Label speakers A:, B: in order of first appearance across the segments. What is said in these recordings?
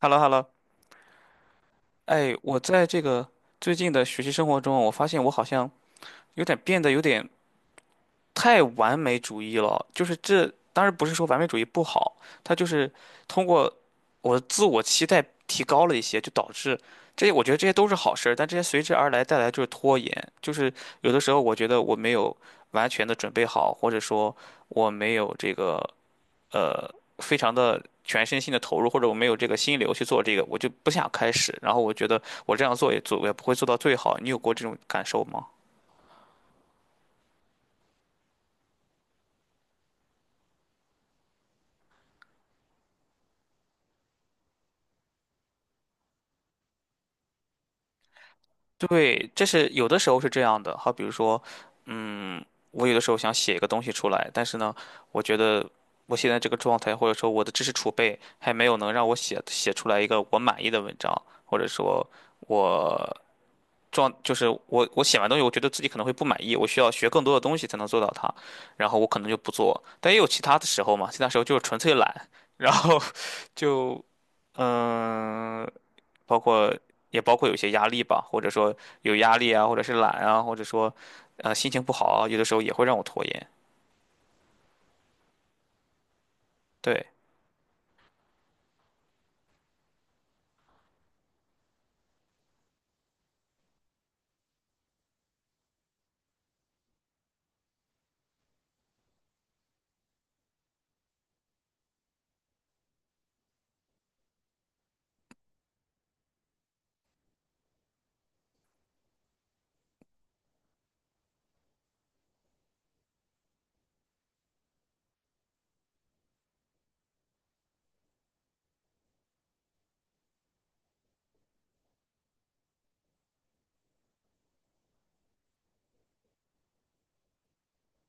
A: h e l l o h e l l o。 哎，我在这个最近的学习生活中，我发现我好像变得有点太完美主义了。就是这，当然不是说完美主义不好，它就是通过我的自我期待提高了一些，就导致这些，我觉得这些都是好事儿，但这些随之而来带来就是拖延。就是有的时候我觉得我没有完全的准备好，或者说我没有这个。呃非常的全身心的投入，或者我没有这个心流去做这个，我就不想开始。然后我觉得我这样做也做，我也不会做到最好。你有过这种感受吗？对，这是有的时候是这样的。好，比如说，嗯，我有的时候想写一个东西出来，但是呢，我觉得我现在这个状态，或者说我的知识储备，还没有能让我写出来一个我满意的文章，或者说我就是我写完东西，我觉得自己可能会不满意，我需要学更多的东西才能做到它，然后我可能就不做。但也有其他的时候嘛，其他时候就是纯粹懒，然后 就嗯。包括也包括有些压力吧，或者说有压力啊，或者是懒啊，或者说心情不好啊，有的时候也会让我拖延。对，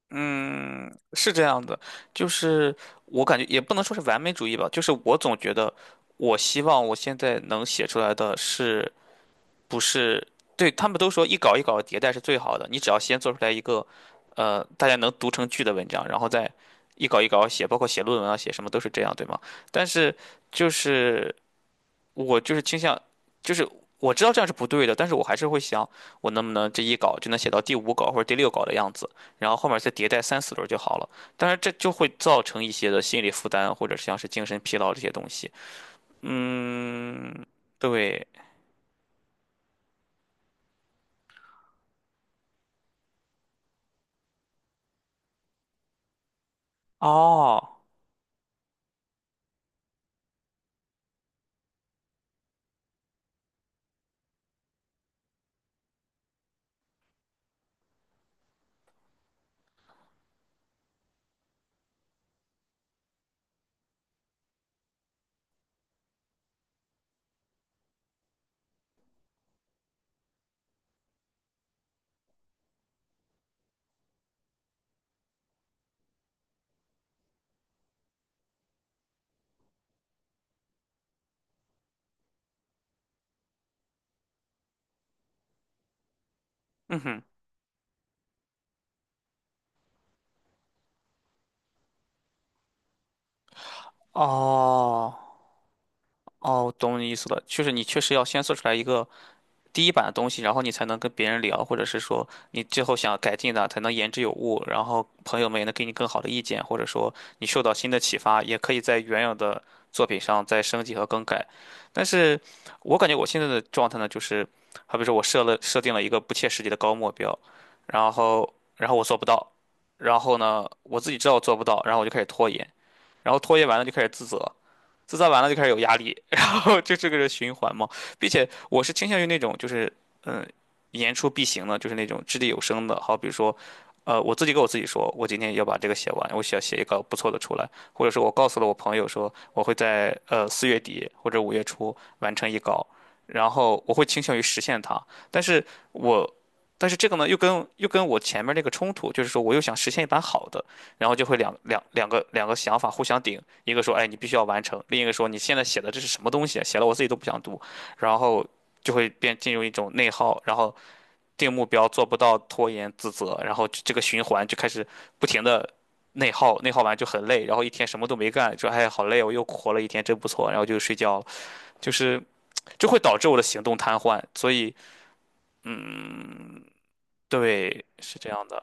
A: 嗯，是这样的，就是我感觉也不能说是完美主义吧，就是我总觉得我希望我现在能写出来的是，不是，对，他们都说一稿一稿迭代是最好的，你只要先做出来一个大家能读成句的文章，然后再一稿一稿写，包括写论文啊写什么都是这样，对吗？但是就是。我就是倾向，就是我知道这样是不对的，但是我还是会想，我能不能这一稿就能写到第五稿或者第六稿的样子，然后后面再迭代三四轮就好了。但是这就会造成一些的心理负担，或者像是精神疲劳这些东西。嗯，对，哦，嗯哼，哦。哦，懂你意思了，就是你确实要先做出来一个第一版的东西，然后你才能跟别人聊，或者是说你最后想改进的，才能言之有物，然后朋友们也能给你更好的意见，或者说你受到新的启发，也可以在原有的作品上再升级和更改。但是我感觉我现在的状态呢，就是好比说我设定了一个不切实际的高目标，然后我做不到，然后呢我自己知道我做不到，然后我就开始拖延，然后拖延完了就开始自责。自造完了就开始有压力，然后就这个是循环嘛。并且我是倾向于那种就是嗯言出必行的，就是那种掷地有声的。好比如说，我自己跟我自己说，我今天要把这个写完，我想写一个不错的出来，或者说我告诉了我朋友说我会在4月底或者5月初完成一稿，然后我会倾向于实现它。但是我这个呢又跟我前面那个冲突，就是说我又想实现一版好的，然后就会两个想法互相顶，一个说，哎，你必须要完成；另一个说，你现在写的这是什么东西啊写了我自己都不想读，然后就会进入一种内耗，然后定目标做不到，拖延自责，然后这个循环就开始不停的内耗，内耗完就很累，然后一天什么都没干，说，哎，好累哦我又活了一天，真不错，然后就睡觉了，就是就会导致我的行动瘫痪，所以，嗯，对，是这样的，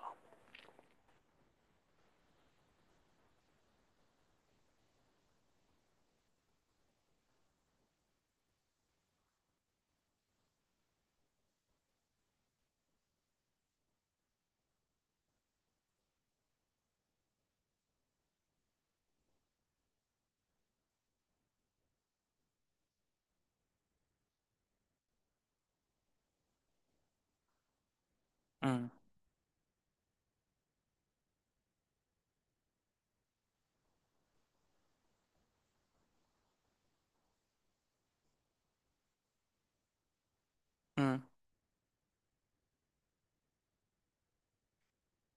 A: 嗯嗯。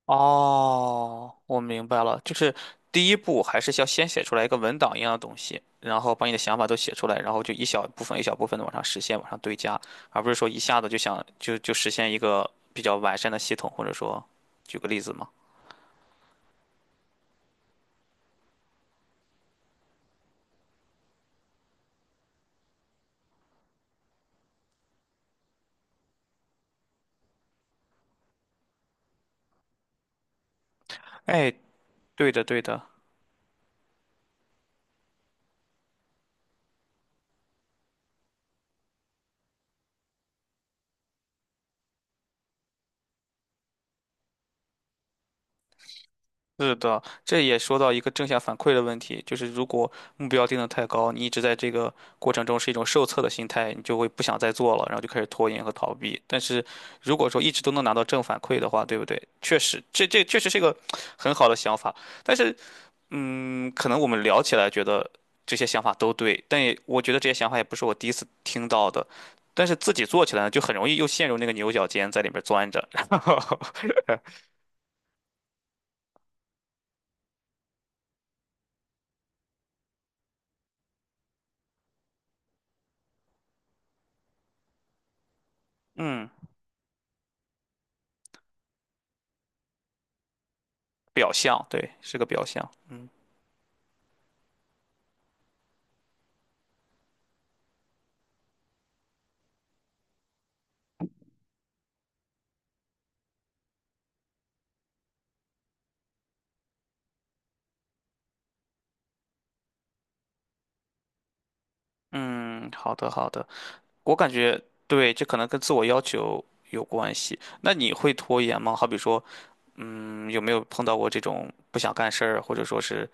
A: 哦，我明白了，就是第一步还是要先写出来一个文档一样的东西，然后把你的想法都写出来，然后就一小部分一小部分的往上实现，往上堆加，而不是说一下子就想就实现一个比较完善的系统，或者说，举个例子嘛。哎，对的对的。是的，这也说到一个正向反馈的问题，就是如果目标定得太高，你一直在这个过程中是一种受测的心态，你就会不想再做了，然后就开始拖延和逃避。但是如果说一直都能拿到正反馈的话，对不对？确实，这确实是一个很好的想法。但是，可能我们聊起来觉得这些想法都对，但也我觉得这些想法也不是我第一次听到的。但是自己做起来呢，就很容易又陷入那个牛角尖，在里边钻着。嗯，表象，对，是个表象。嗯。嗯，好的好的，我感觉对，这可能跟自我要求有关系。那你会拖延吗？好比说，有没有碰到过这种不想干事儿，或者说是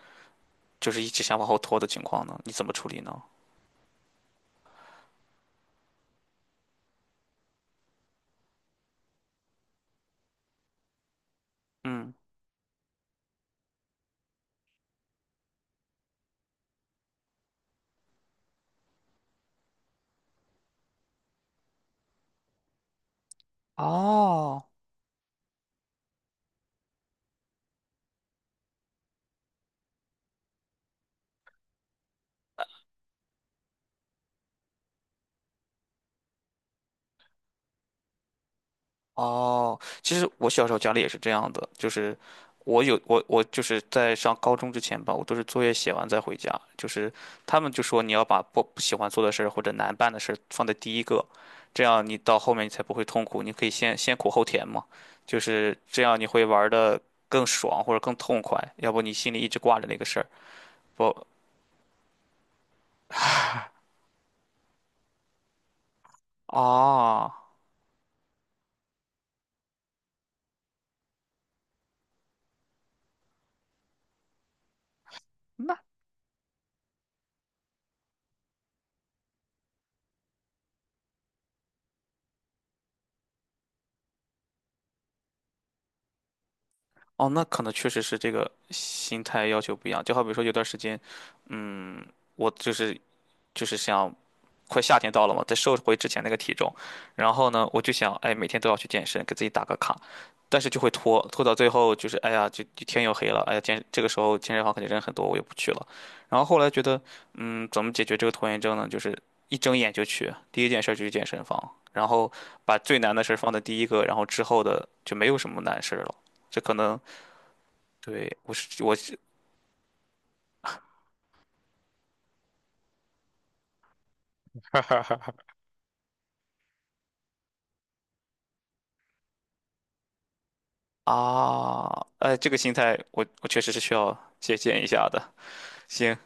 A: 就是一直想往后拖的情况呢？你怎么处理呢？嗯，哦。哦，其实我小时候家里也是这样的，就是我有我我就是在上高中之前吧，我都是作业写完再回家。就是他们就说你要把不喜欢做的事儿或者难办的事儿放在第一个，这样你到后面你才不会痛苦，你可以先苦后甜嘛。就是这样你会玩的更爽或者更痛快，要不你心里一直挂着那个事儿。不，哦。哦，那可能确实是这个心态要求不一样。就好比说，有段时间，嗯，我就是想，快夏天到了嘛，再瘦回之前那个体重。然后呢，我就想，哎，每天都要去健身，给自己打个卡。但是就会拖到最后就是，哎呀，就天又黑了，哎呀，这个时候健身房肯定人很多，我也不去了。然后后来觉得，怎么解决这个拖延症呢？就是一睁眼就去，第一件事儿就去健身房，然后把最难的事儿放在第一个，然后之后的就没有什么难事儿了。这可能。对，我是啊，这个心态我确实是需要借鉴一下的。行，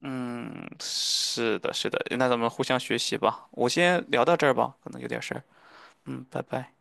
A: 嗯，是的，是的，那咱们互相学习吧。我先聊到这儿吧，可能有点事儿。嗯，拜拜。